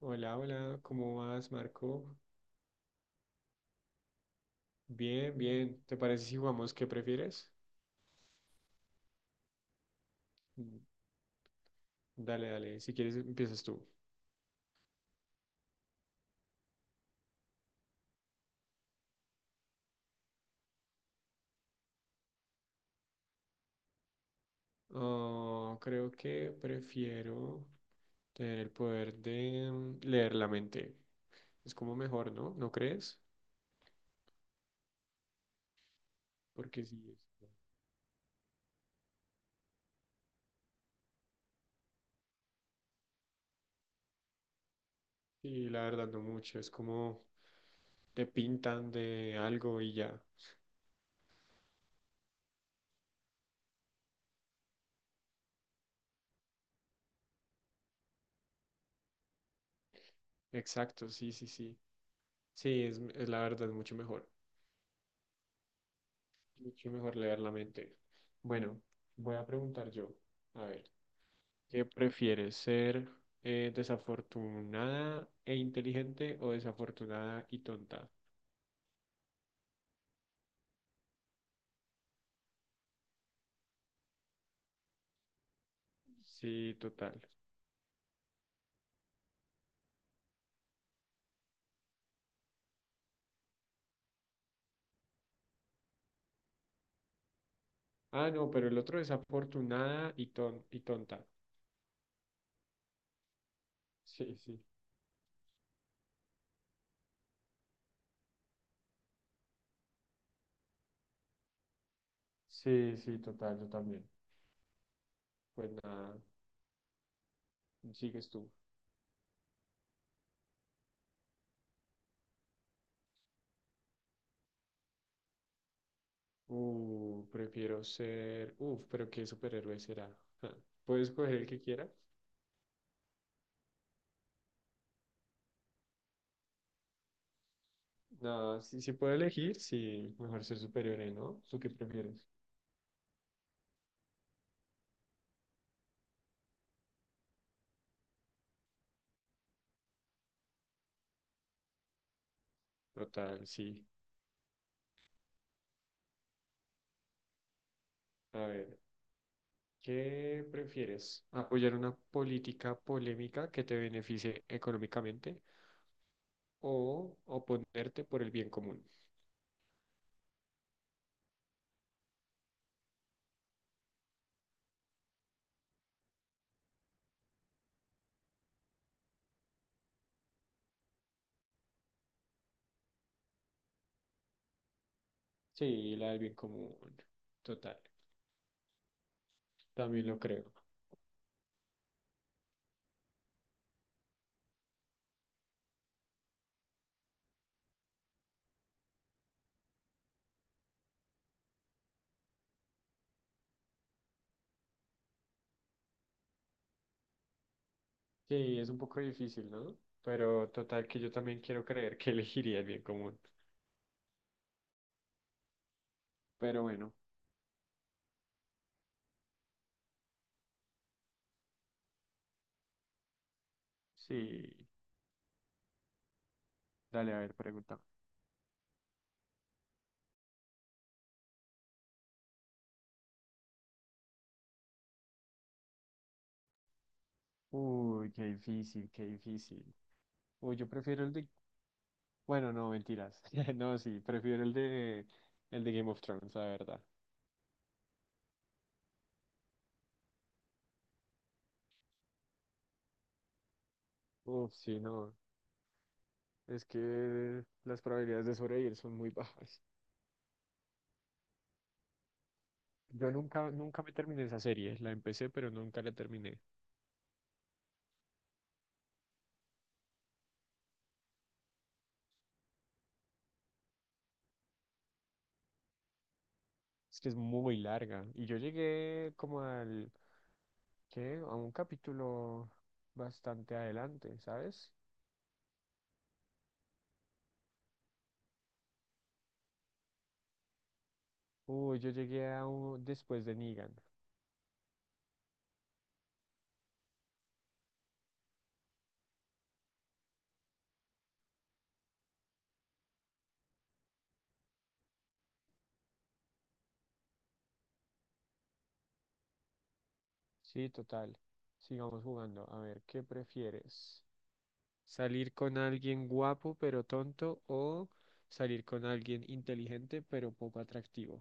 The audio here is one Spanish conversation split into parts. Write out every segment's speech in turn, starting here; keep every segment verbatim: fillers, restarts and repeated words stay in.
Hola, hola, ¿cómo vas, Marco? Bien, bien. ¿Te parece si jugamos qué prefieres? Mm. Dale, dale, si quieres empiezas tú. Oh, creo que prefiero tener el poder de mm, leer la mente. Es como mejor, ¿no? ¿No crees? Porque sí, es- sí, la verdad no mucho. Es como te pintan de algo y ya. Exacto, sí, sí, sí. Sí, es, es la verdad mucho mejor. Mucho mejor leer la mente. Bueno, voy a preguntar yo. A ver. ¿Qué prefieres, ser eh, desafortunada e inteligente o desafortunada y tonta? Sí, total. Ah, no, pero el otro desafortunada y, ton y tonta. Sí, sí. Sí, sí, total, yo también. Pues nada, sigues tú. Uh, prefiero ser... Uf, pero ¿qué superhéroe será? Ja. ¿Puedes escoger el que quieras? No, si, si puedo elegir, sí, mejor ser superhéroe, ¿no? ¿Tú qué prefieres? Total, sí. A ver. ¿Qué prefieres? ¿Apoyar una política polémica que te beneficie económicamente o oponerte por el bien común? Sí, la del bien común. Total, también lo creo. Sí, es un poco difícil, ¿no? Pero total que yo también quiero creer que elegiría el bien común. Pero bueno, sí. Dale, a ver, pregunta. Uy, qué difícil, qué difícil. Uy, yo prefiero el de... Bueno, no, mentiras. No, sí, prefiero el de... El de Game of Thrones, la verdad. Uf, sí, no. Es que las probabilidades de sobrevivir son muy bajas. Yo nunca, nunca me terminé esa serie. La empecé, pero nunca la terminé. Es que es muy larga. Y yo llegué como al, ¿qué? A un capítulo bastante adelante, ¿sabes? Uy, yo llegué a un, después de Negan. Sí, total. Sigamos jugando. A ver, ¿qué prefieres? ¿Salir con alguien guapo pero tonto o salir con alguien inteligente pero poco atractivo?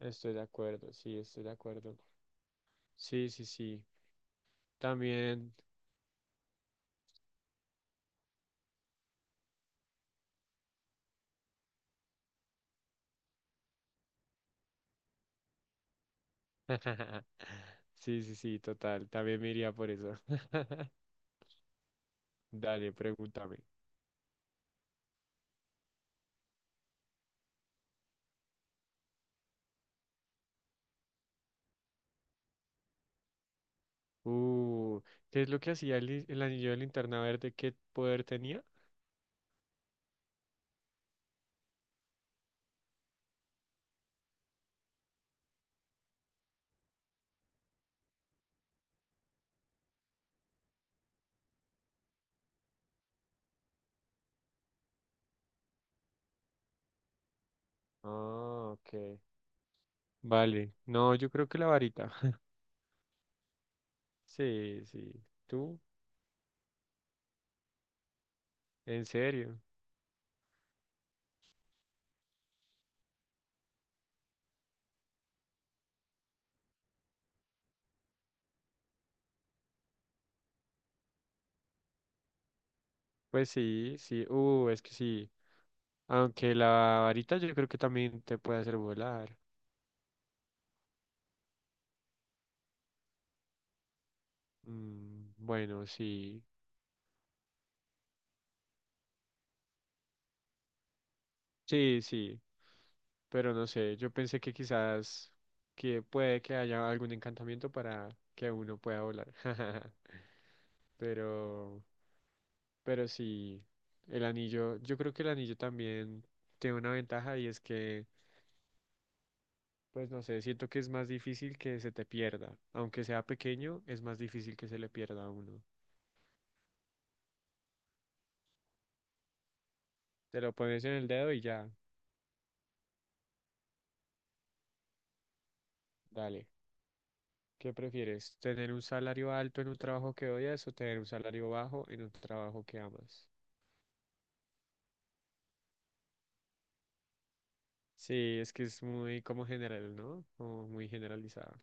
Estoy de acuerdo, sí, estoy de acuerdo. Sí, sí, sí. También. Sí, sí, sí, total. También me iría por eso. Dale, pregúntame. Uh, ¿qué es lo que hacía el, li- el anillo de linterna verde? ¿Qué poder tenía? Ah, ok. Vale. No, yo creo que la varita. Sí, sí. ¿Tú? ¿En serio? Pues sí, sí. Uh, es que sí. Aunque la varita yo creo que también te puede hacer volar. Mm, bueno, sí. Sí, sí. Pero no sé, yo pensé que quizás que puede que haya algún encantamiento para que uno pueda volar. Pero, pero sí, el anillo, yo creo que el anillo también tiene una ventaja y es que, pues no sé, siento que es más difícil que se te pierda. Aunque sea pequeño, es más difícil que se le pierda a uno. Te lo pones en el dedo y ya, dale. ¿Qué prefieres? ¿Tener un salario alto en un trabajo que odias o tener un salario bajo en un trabajo que amas? Sí, es que es muy como general, ¿no? Como muy generalizado.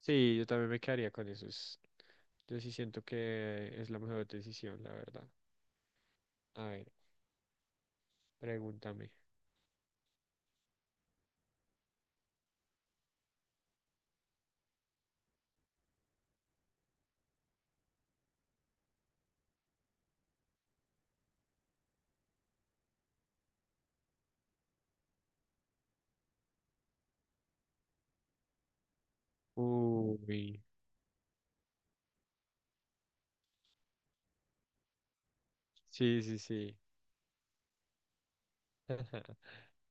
Sí, yo también me quedaría con eso. es- Yo sí siento que es la mejor decisión, la verdad. A ver, pregúntame. Uy, sí, sí, sí.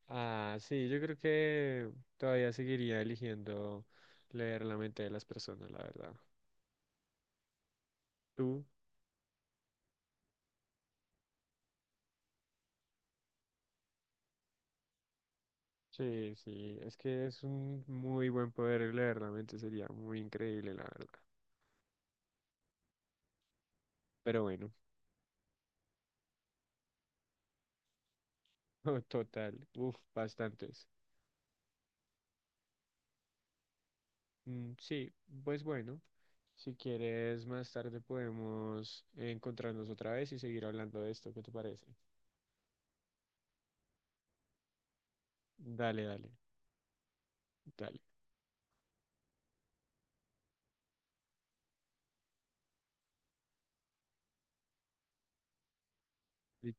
Ah, sí, yo creo que todavía seguiría eligiendo leer la mente de las personas, la verdad. ¿Tú? Sí, sí, es que es un muy buen poder leer la mente, sería muy increíble, la verdad. Pero bueno, total, uf, bastantes. Mm. Sí, pues bueno, si quieres más tarde podemos encontrarnos otra vez y seguir hablando de esto, ¿qué te parece? Dale, dale, dale. Y